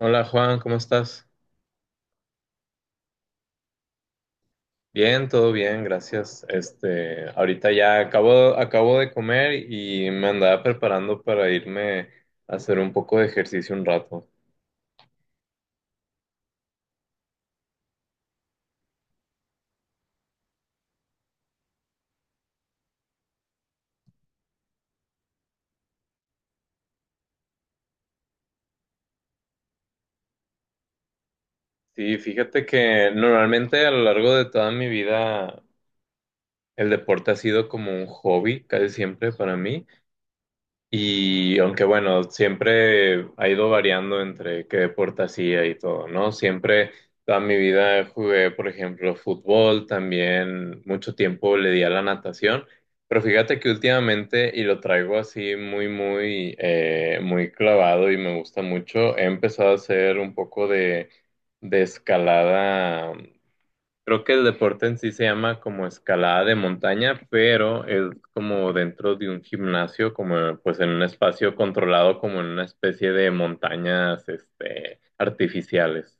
Hola Juan, ¿cómo estás? Bien, todo bien, gracias. Este, ahorita ya acabo de comer y me andaba preparando para irme a hacer un poco de ejercicio un rato. Sí, fíjate que normalmente a lo largo de toda mi vida el deporte ha sido como un hobby, casi siempre para mí. Y aunque bueno, siempre ha ido variando entre qué deporte hacía y todo, ¿no? Siempre toda mi vida jugué, por ejemplo, fútbol, también mucho tiempo le di a la natación, pero fíjate que últimamente, y lo traigo así muy, muy, muy clavado y me gusta mucho, he empezado a hacer un poco de escalada. Creo que el deporte en sí se llama como escalada de montaña, pero es como dentro de un gimnasio, como pues en un espacio controlado, como en una especie de montañas, este, artificiales.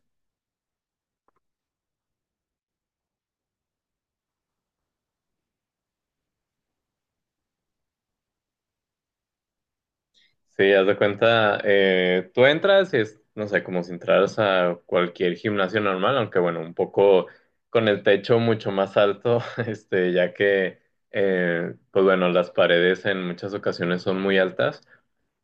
Sí, haz de cuenta, tú entras y es, no sé, como si entraras a cualquier gimnasio normal, aunque bueno, un poco con el techo mucho más alto, este, ya que, pues bueno, las paredes en muchas ocasiones son muy altas.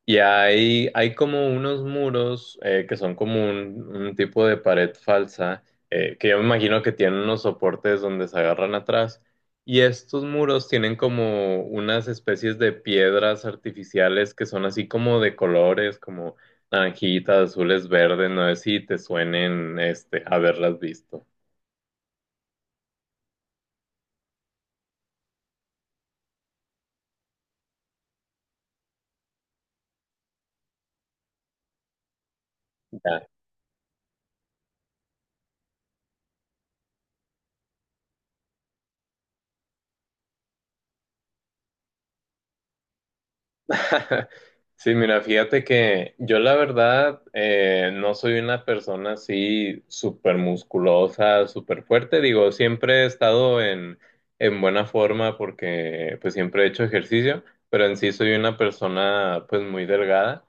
Y hay como unos muros, que son como un tipo de pared falsa, que yo me imagino que tienen unos soportes donde se agarran atrás. Y estos muros tienen como unas especies de piedras artificiales que son así como de colores, como naranjitas, azules, verdes. No sé si te suenen, este, haberlas visto. Sí, mira, fíjate que yo la verdad, no soy una persona así súper musculosa, súper fuerte. Digo, siempre he estado en buena forma porque pues siempre he hecho ejercicio, pero en sí soy una persona pues muy delgada.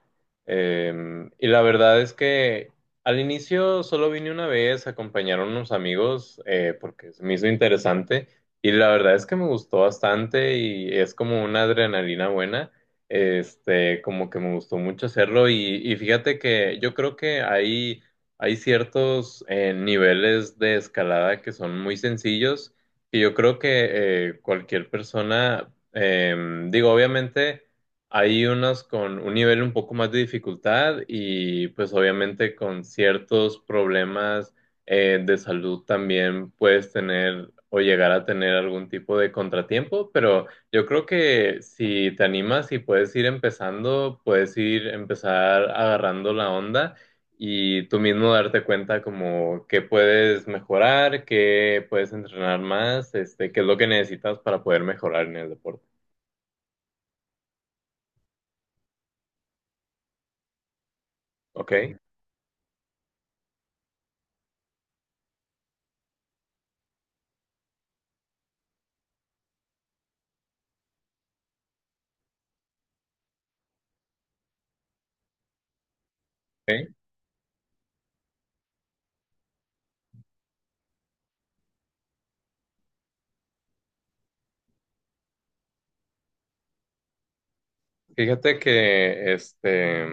Y la verdad es que al inicio solo vine una vez a acompañar a unos amigos, porque se me hizo interesante y la verdad es que me gustó bastante y es como una adrenalina buena. Este, como que me gustó mucho hacerlo y fíjate que yo creo que hay ciertos, niveles de escalada que son muy sencillos y yo creo que, cualquier persona, digo, obviamente hay unos con un nivel un poco más de dificultad y pues obviamente con ciertos problemas, de salud también puedes tener o llegar a tener algún tipo de contratiempo, pero. Yo creo que si te animas y puedes ir empezando, puedes ir empezar agarrando la onda y tú mismo darte cuenta como qué puedes mejorar, qué puedes entrenar más, este, qué es lo que necesitas para poder mejorar en el deporte. ¿Ok? ¿Ok? Fíjate que, este,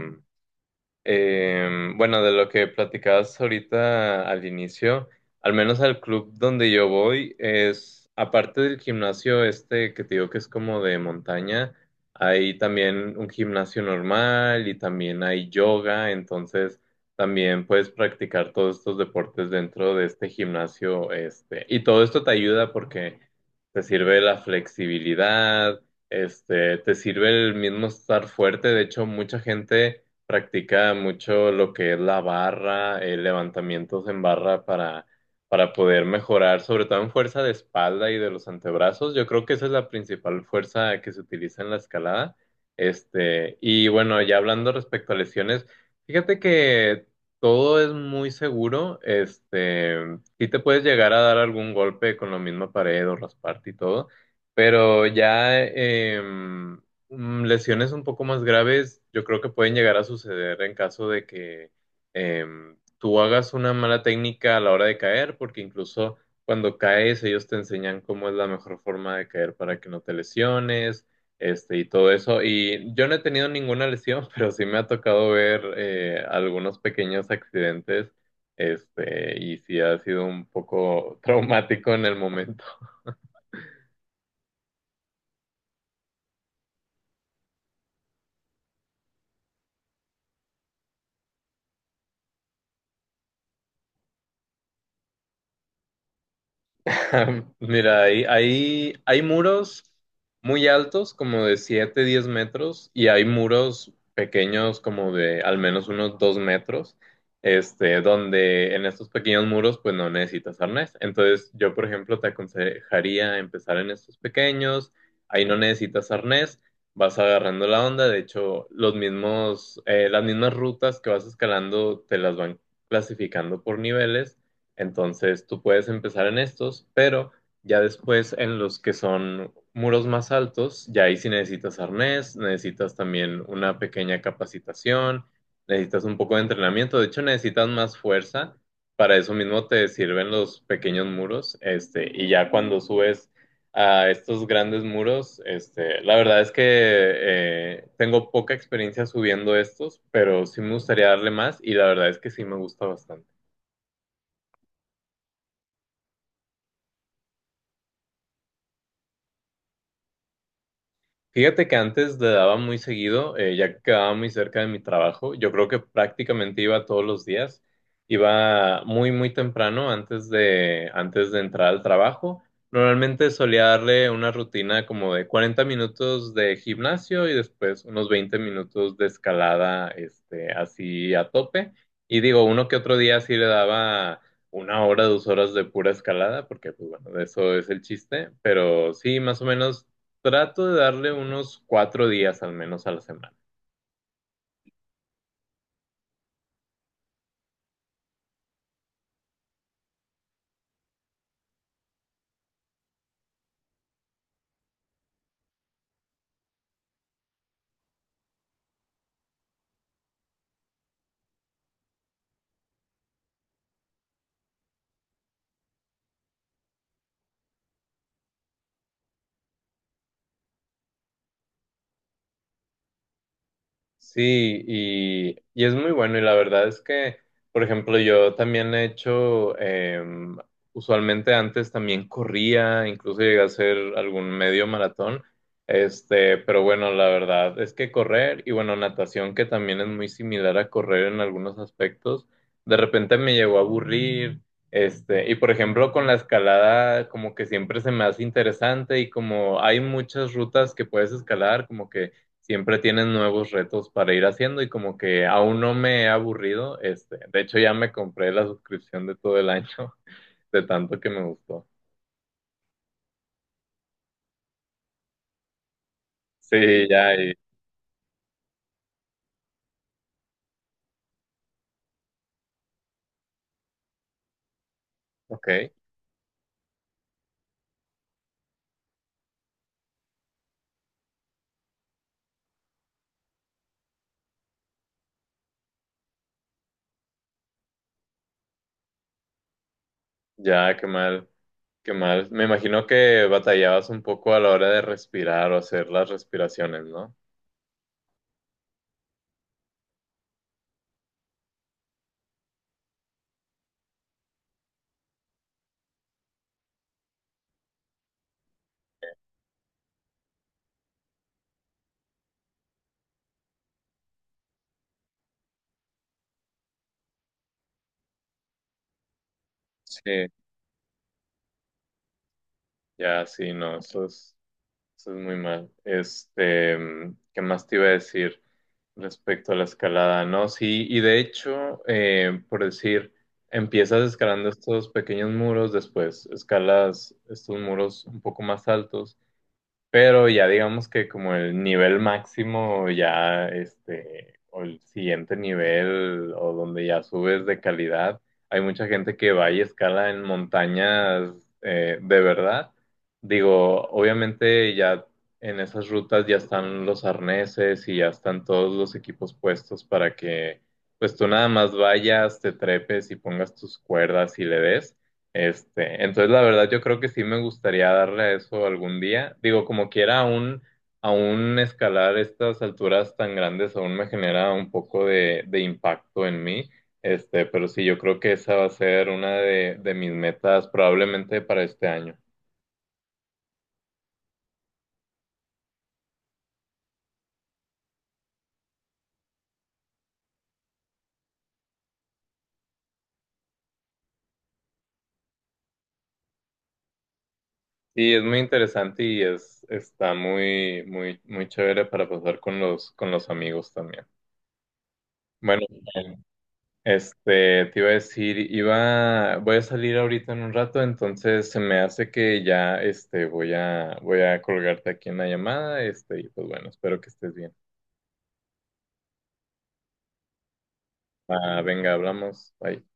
Bueno, de lo que platicabas ahorita al inicio, al menos al club donde yo voy, es, aparte del gimnasio este que te digo que es como de montaña, hay también un gimnasio normal y también hay yoga, entonces también puedes practicar todos estos deportes dentro de este gimnasio, este. Y todo esto te ayuda porque te sirve la flexibilidad, este, te sirve el mismo estar fuerte. De hecho mucha gente practica mucho lo que es la barra, levantamientos en barra para poder mejorar, sobre todo en fuerza de espalda y de los antebrazos. Yo creo que esa es la principal fuerza que se utiliza en la escalada. Este, y bueno, ya hablando respecto a lesiones, fíjate que todo es muy seguro. Este, sí te puedes llegar a dar algún golpe con la misma pared o rasparte y todo. Pero ya, lesiones un poco más graves, yo creo que pueden llegar a suceder en caso de que, tú hagas una mala técnica a la hora de caer, porque incluso cuando caes ellos te enseñan cómo es la mejor forma de caer para que no te lesiones, este, y todo eso. Y yo no he tenido ninguna lesión, pero sí me ha tocado ver, algunos pequeños accidentes, este, y sí ha sido un poco traumático en el momento. Mira, ahí hay muros muy altos, como de 7, 10 metros, y hay muros pequeños, como de al menos unos 2 metros, este, donde en estos pequeños muros, pues no necesitas arnés. Entonces, yo, por ejemplo, te aconsejaría empezar en estos pequeños, ahí no necesitas arnés, vas agarrando la onda. De hecho, las mismas rutas que vas escalando te las van clasificando por niveles. Entonces tú puedes empezar en estos, pero ya después en los que son muros más altos, ya ahí sí necesitas arnés, necesitas también una pequeña capacitación, necesitas un poco de entrenamiento, de hecho necesitas más fuerza. Para eso mismo te sirven los pequeños muros, este, y ya cuando subes a estos grandes muros, este, la verdad es que, tengo poca experiencia subiendo estos, pero sí me gustaría darle más y la verdad es que sí me gusta bastante. Fíjate que antes le daba muy seguido, ya que quedaba muy cerca de mi trabajo. Yo creo que prácticamente iba todos los días. Iba muy, muy temprano antes de entrar al trabajo. Normalmente solía darle una rutina como de 40 minutos de gimnasio y después unos 20 minutos de escalada, este, así a tope. Y digo, uno que otro día sí le daba 1 hora, 2 horas de pura escalada, porque pues bueno, de eso es el chiste, pero sí, más o menos trato de darle unos 4 días al menos a la semana. Sí, y es muy bueno y la verdad es que, por ejemplo, yo también he hecho, usualmente antes también corría, incluso llegué a hacer algún medio maratón, este, pero bueno, la verdad es que correr y bueno, natación que también es muy similar a correr en algunos aspectos, de repente me llegó a aburrir, este, y por ejemplo con la escalada como que siempre se me hace interesante y como hay muchas rutas que puedes escalar, como que siempre tienen nuevos retos para ir haciendo y como que aún no me he aburrido, este, de hecho ya me compré la suscripción de todo el año, de tanto que me gustó. Sí, ya, ok, ya, qué mal, qué mal. Me imagino que batallabas un poco a la hora de respirar o hacer las respiraciones, ¿no? Sí, ya, sí, no, eso es. Eso es muy mal. Este, ¿qué más te iba a decir respecto a la escalada? No, sí, y de hecho, por decir, empiezas escalando estos pequeños muros, después escalas estos muros un poco más altos. Pero ya digamos que como el nivel máximo, ya este, o el siguiente nivel, o donde ya subes de calidad, hay mucha gente que va y escala en montañas, de verdad. Digo, obviamente ya en esas rutas ya están los arneses y ya están todos los equipos puestos para que pues tú nada más vayas, te trepes y pongas tus cuerdas y le des. Este, entonces la verdad yo creo que sí me gustaría darle a eso algún día. Digo, como quiera, aún escalar estas alturas tan grandes aún me genera un poco de impacto en mí. Este, pero sí, yo creo que esa va a ser una de mis metas probablemente para este año. Sí, es muy interesante y es, está muy, muy, muy chévere para pasar con los amigos también. Bueno, este, te iba a decir, voy a salir ahorita en un rato, entonces se me hace que ya, este, voy a colgarte aquí en la llamada, este, y pues bueno, espero que estés bien. Ah, venga, hablamos. Bye.